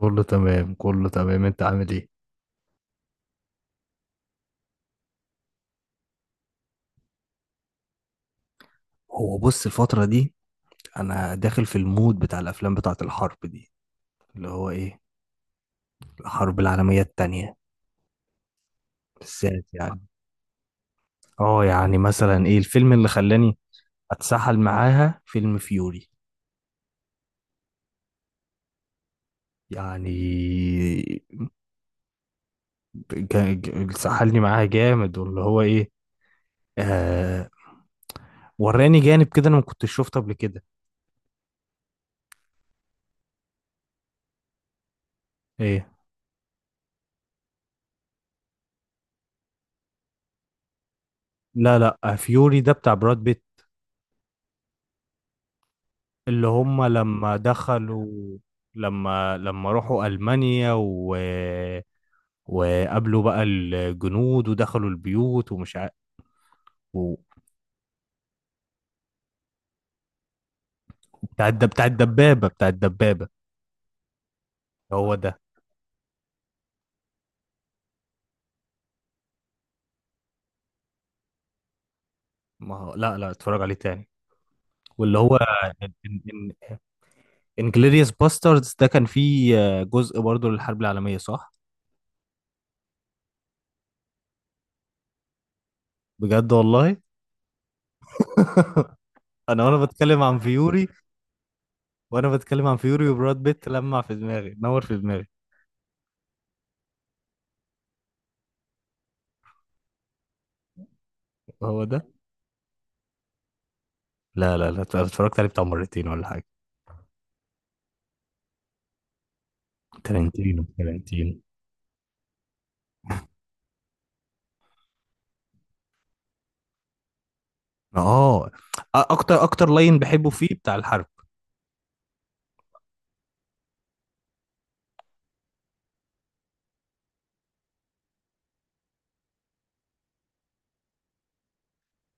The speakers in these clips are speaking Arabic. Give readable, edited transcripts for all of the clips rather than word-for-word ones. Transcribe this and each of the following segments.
كله تمام كله تمام، انت عامل ايه؟ هو بص، الفترة دي أنا داخل في المود بتاع الأفلام بتاعة الحرب دي، اللي هو إيه، الحرب العالمية التانية بالذات يعني. اه، يعني مثلا ايه الفيلم اللي خلاني اتسحل معاها؟ فيلم فيوري يعني. سحلني معاها جامد واللي هو ايه. آه وراني جانب كده، انا ما كنتش شفته قبل كده. ايه، لا لا، فيوري ده بتاع براد بيت. اللي هم لما دخلوا، لما راحوا ألمانيا، و... وقابلوا بقى الجنود ودخلوا البيوت ومش عارف. و... بتاع الدبابة، بتاع الدبابة. هو ده. ما هو، لا لا، اتفرج عليه تاني. واللي هو انجلوريوس باستردز ده، كان فيه جزء برضه للحرب العالمية، صح؟ بجد والله. انا وانا بتكلم عن فيوري وانا بتكلم عن فيوري وبراد بيت لمع في دماغي، نور في دماغي، هو ده. لا لا لا، اتفرجت عليه بتاع مرتين ولا حاجة. تارنتينو تارنتينو. اه، اكتر لاين بحبه فيه بتاع الحرب.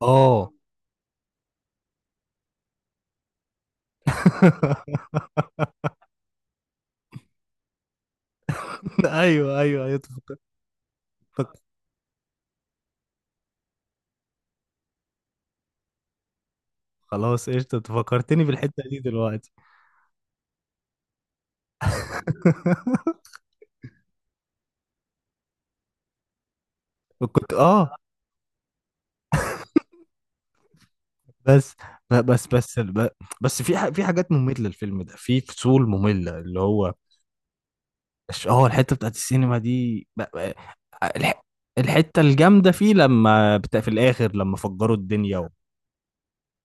اه. ايوه ايوه ايوه، خلاص قشطة، انت فكرتني بالحتة دي دلوقتي. كنت، بس، ب- بس بس ب- في في حاجات مملة، الفيلم ده في فصول مملة، اللي هو الحتة بتاعت السينما دي. الح- الحتة الجامدة فيه لما في الآخر لما فجروا الدنيا. و...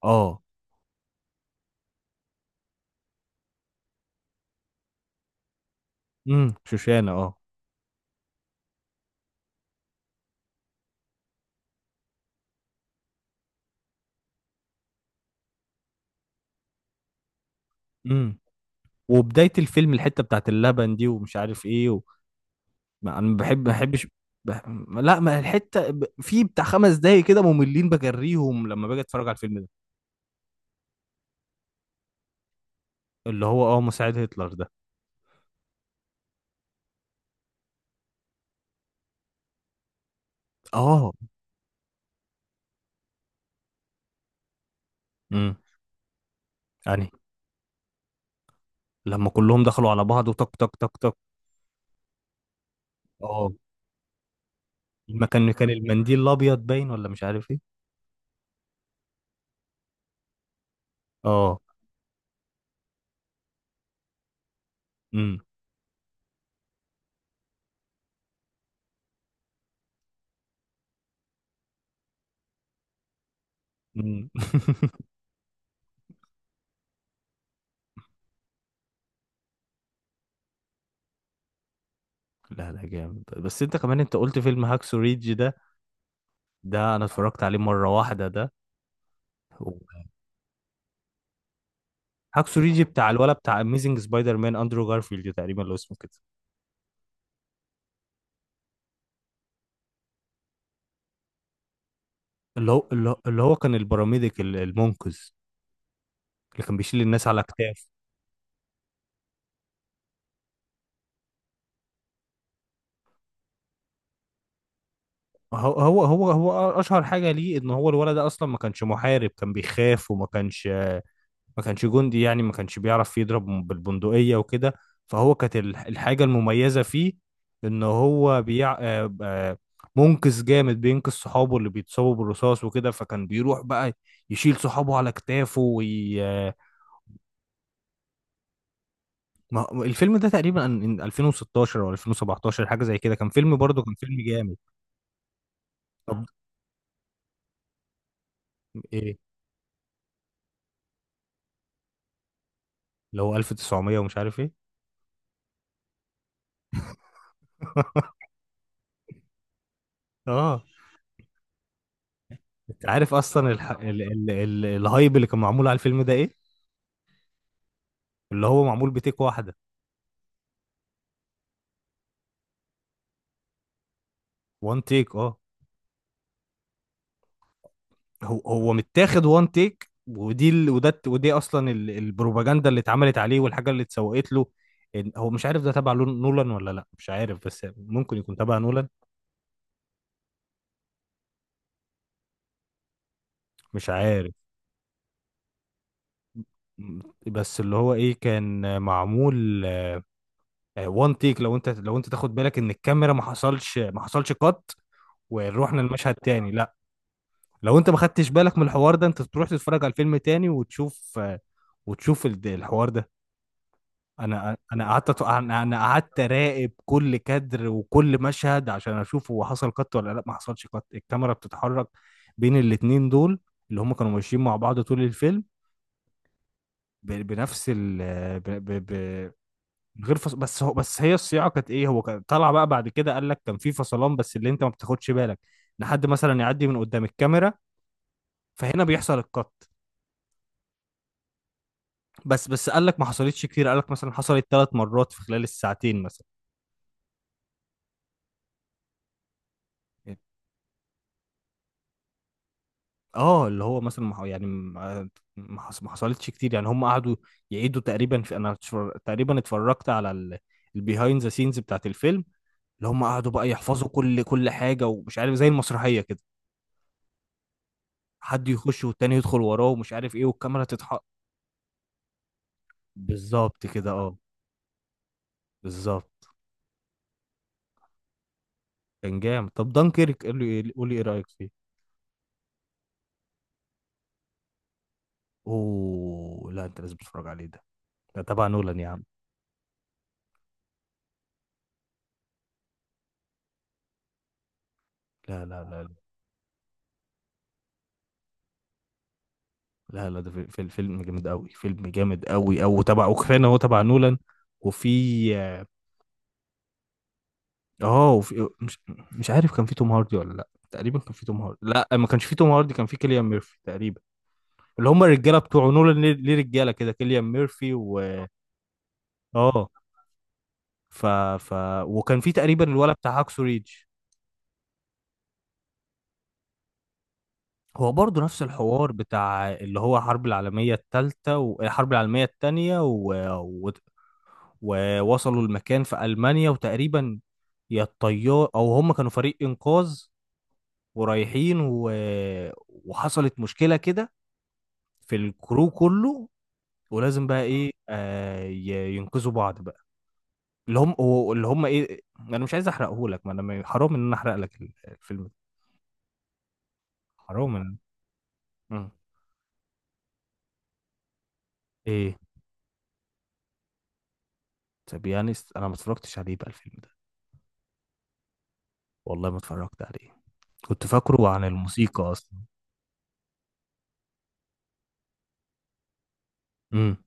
اه، امم، شوشانة، اه. امم وبداية الفيلم الحتة بتاعت اللبن دي ومش عارف ايه. و... ما انا، ما بحبش. بح... لا، ما الحتة، في بتاع خمس دقايق كده مملين بجريهم لما باجي اتفرج على الفيلم ده. اللي هو، مساعد هتلر ده. اه، امم. يعني لما كلهم دخلوا على بعض، وتك تك تك تك. اه، ما كان المنديل الابيض باين ولا مش عارف ايه. اه، امم. أمم. لا لا، جامد. بس انت كمان انت قلت فيلم هاكسو ريدج ده انا اتفرجت عليه مرة واحدة. ده هاكسو ريجي بتاع اميزنج سبايدر مان، اندرو جارفيلد تقريبا لو اسمه كده. اللي هو كان البراميديك، المنقذ اللي كان بيشيل الناس على اكتاف. هو اشهر حاجه ليه ان هو الولد ده اصلا ما كانش محارب، كان بيخاف، وما كانش جندي يعني، ما كانش بيعرف يضرب بالبندقيه وكده. فهو كانت الحاجه المميزه فيه ان هو بيع آه، آه، منقذ جامد، بينقذ صحابه اللي بيتصابوا بالرصاص وكده، فكان بيروح بقى يشيل صحابه على كتافه. وي... ما هو الفيلم ده تقريبا 2016 او 2017، حاجه زي كده، كان فيلم برضه، كان فيلم جامد. طب، ايه اللي هو 1900 ومش عارف ايه؟ اه، انت عارف اصلا الح... ال... ال... ال... الهايب اللي كان معمول على الفيلم ده ايه؟ اللي هو معمول بتيك واحده، وان تيك. اه. هو متاخد وان تيك، ودي اصلا البروباجندا اللي اتعملت عليه والحاجه اللي اتسوقت له. هو مش عارف ده تبع نولان ولا لا، مش عارف، بس ممكن يكون تبع نولان. مش عارف، بس اللي هو ايه، كان معمول وان تيك. لو انت تاخد بالك ان الكاميرا ما حصلش قط، ورحنا المشهد تاني، لا. لو انت ما خدتش بالك من الحوار ده، انت تروح تتفرج على الفيلم تاني وتشوف الحوار ده. انا انا قعدت أت- انا أنا قعدت اراقب كل كادر وكل مشهد عشان اشوف هو حصل قط ولا لا. ما حصلش قط، الكاميرا بتتحرك بين الاتنين دول اللي هم كانوا ماشيين مع بعض طول الفيلم بنفس ال. من غير فص... بس هو، بس هي الصياعه كانت ايه، هو كان طلع بقى بعد كده قال لك كان في فصلان، بس اللي انت ما بتاخدش بالك، لحد مثلا يعدي من قدام الكاميرا فهنا بيحصل القط. بس قال لك ما حصلتش كتير، قال لك مثلا حصلت ثلاث مرات في خلال الساعتين مثلا. يعني، اه اللي هو مثلا، ما ح- يعني ما ما حص- ما حصلتش كتير يعني. هم قعدوا يعيدوا تقريبا، تقريبا اتفرجت على البيهايند ذا سينز بتاعت الفيلم، اللي هم قعدوا بقى يحفظوا كل حاجه ومش عارف، زي المسرحيه كده، حد يخش والتاني يدخل وراه ومش عارف ايه، والكاميرا تتح. بالظبط كده، اه، بالظبط. كان جامد. طب دانكيرك، قول لي ايه رايك فيه؟ اوه لا، انت لازم تتفرج عليه ده، ده تبع نولان يا عم. لا لا لا لا لا لا، ده في فيلم جامد قوي، فيلم جامد قوي، او تبع، وكفايه ان هو تبع نولان. وفي، اه، وفي، مش عارف، كان في توم هاردي ولا لا، تقريبا كان في توم هاردي، لا ما كانش في توم هاردي، كان في كيليان ميرفي تقريبا. اللي هم الرجاله بتوع نولان، ليه رجاله كده، كيليان ميرفي و اه ف ف وكان في تقريبا الولد بتاع هاكسو ريدج. هو برضه نفس الحوار بتاع اللي هو الحرب العالمية التالتة والحرب العالمية التانية، و... و... ووصلوا المكان في ألمانيا وتقريبا، يا الطيار أو هم كانوا فريق إنقاذ ورايحين، و... وحصلت مشكلة كده في الكرو كله. ولازم بقى إيه، ينقذوا بعض بقى. اللي هم اللي هم إيه، أنا مش عايز أحرقه لك. ما أنا، حرام إن أنا أحرق لك الفيلم ده. حرام إن مم. إيه. طب، يعني أنا ما اتفرجتش عليه بقى الفيلم ده. والله ما اتفرجت عليه، كنت فاكره عن الموسيقى اصلا. امم.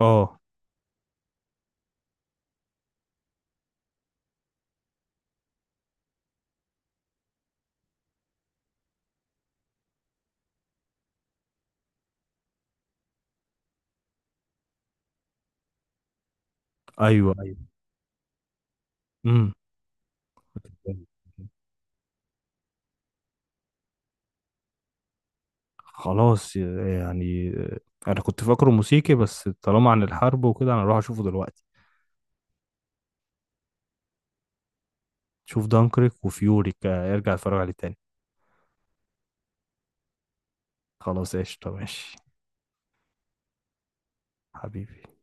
اه. ايوه ايوه. امم. خلاص يعني، انا كنت فاكره موسيقي بس طالما عن الحرب وكده، انا اروح اشوفه دلوقتي. شوف دانكريك وفيوري، ارجع اتفرج عليه تاني. خلاص قشطة، ماشي. حبيبي.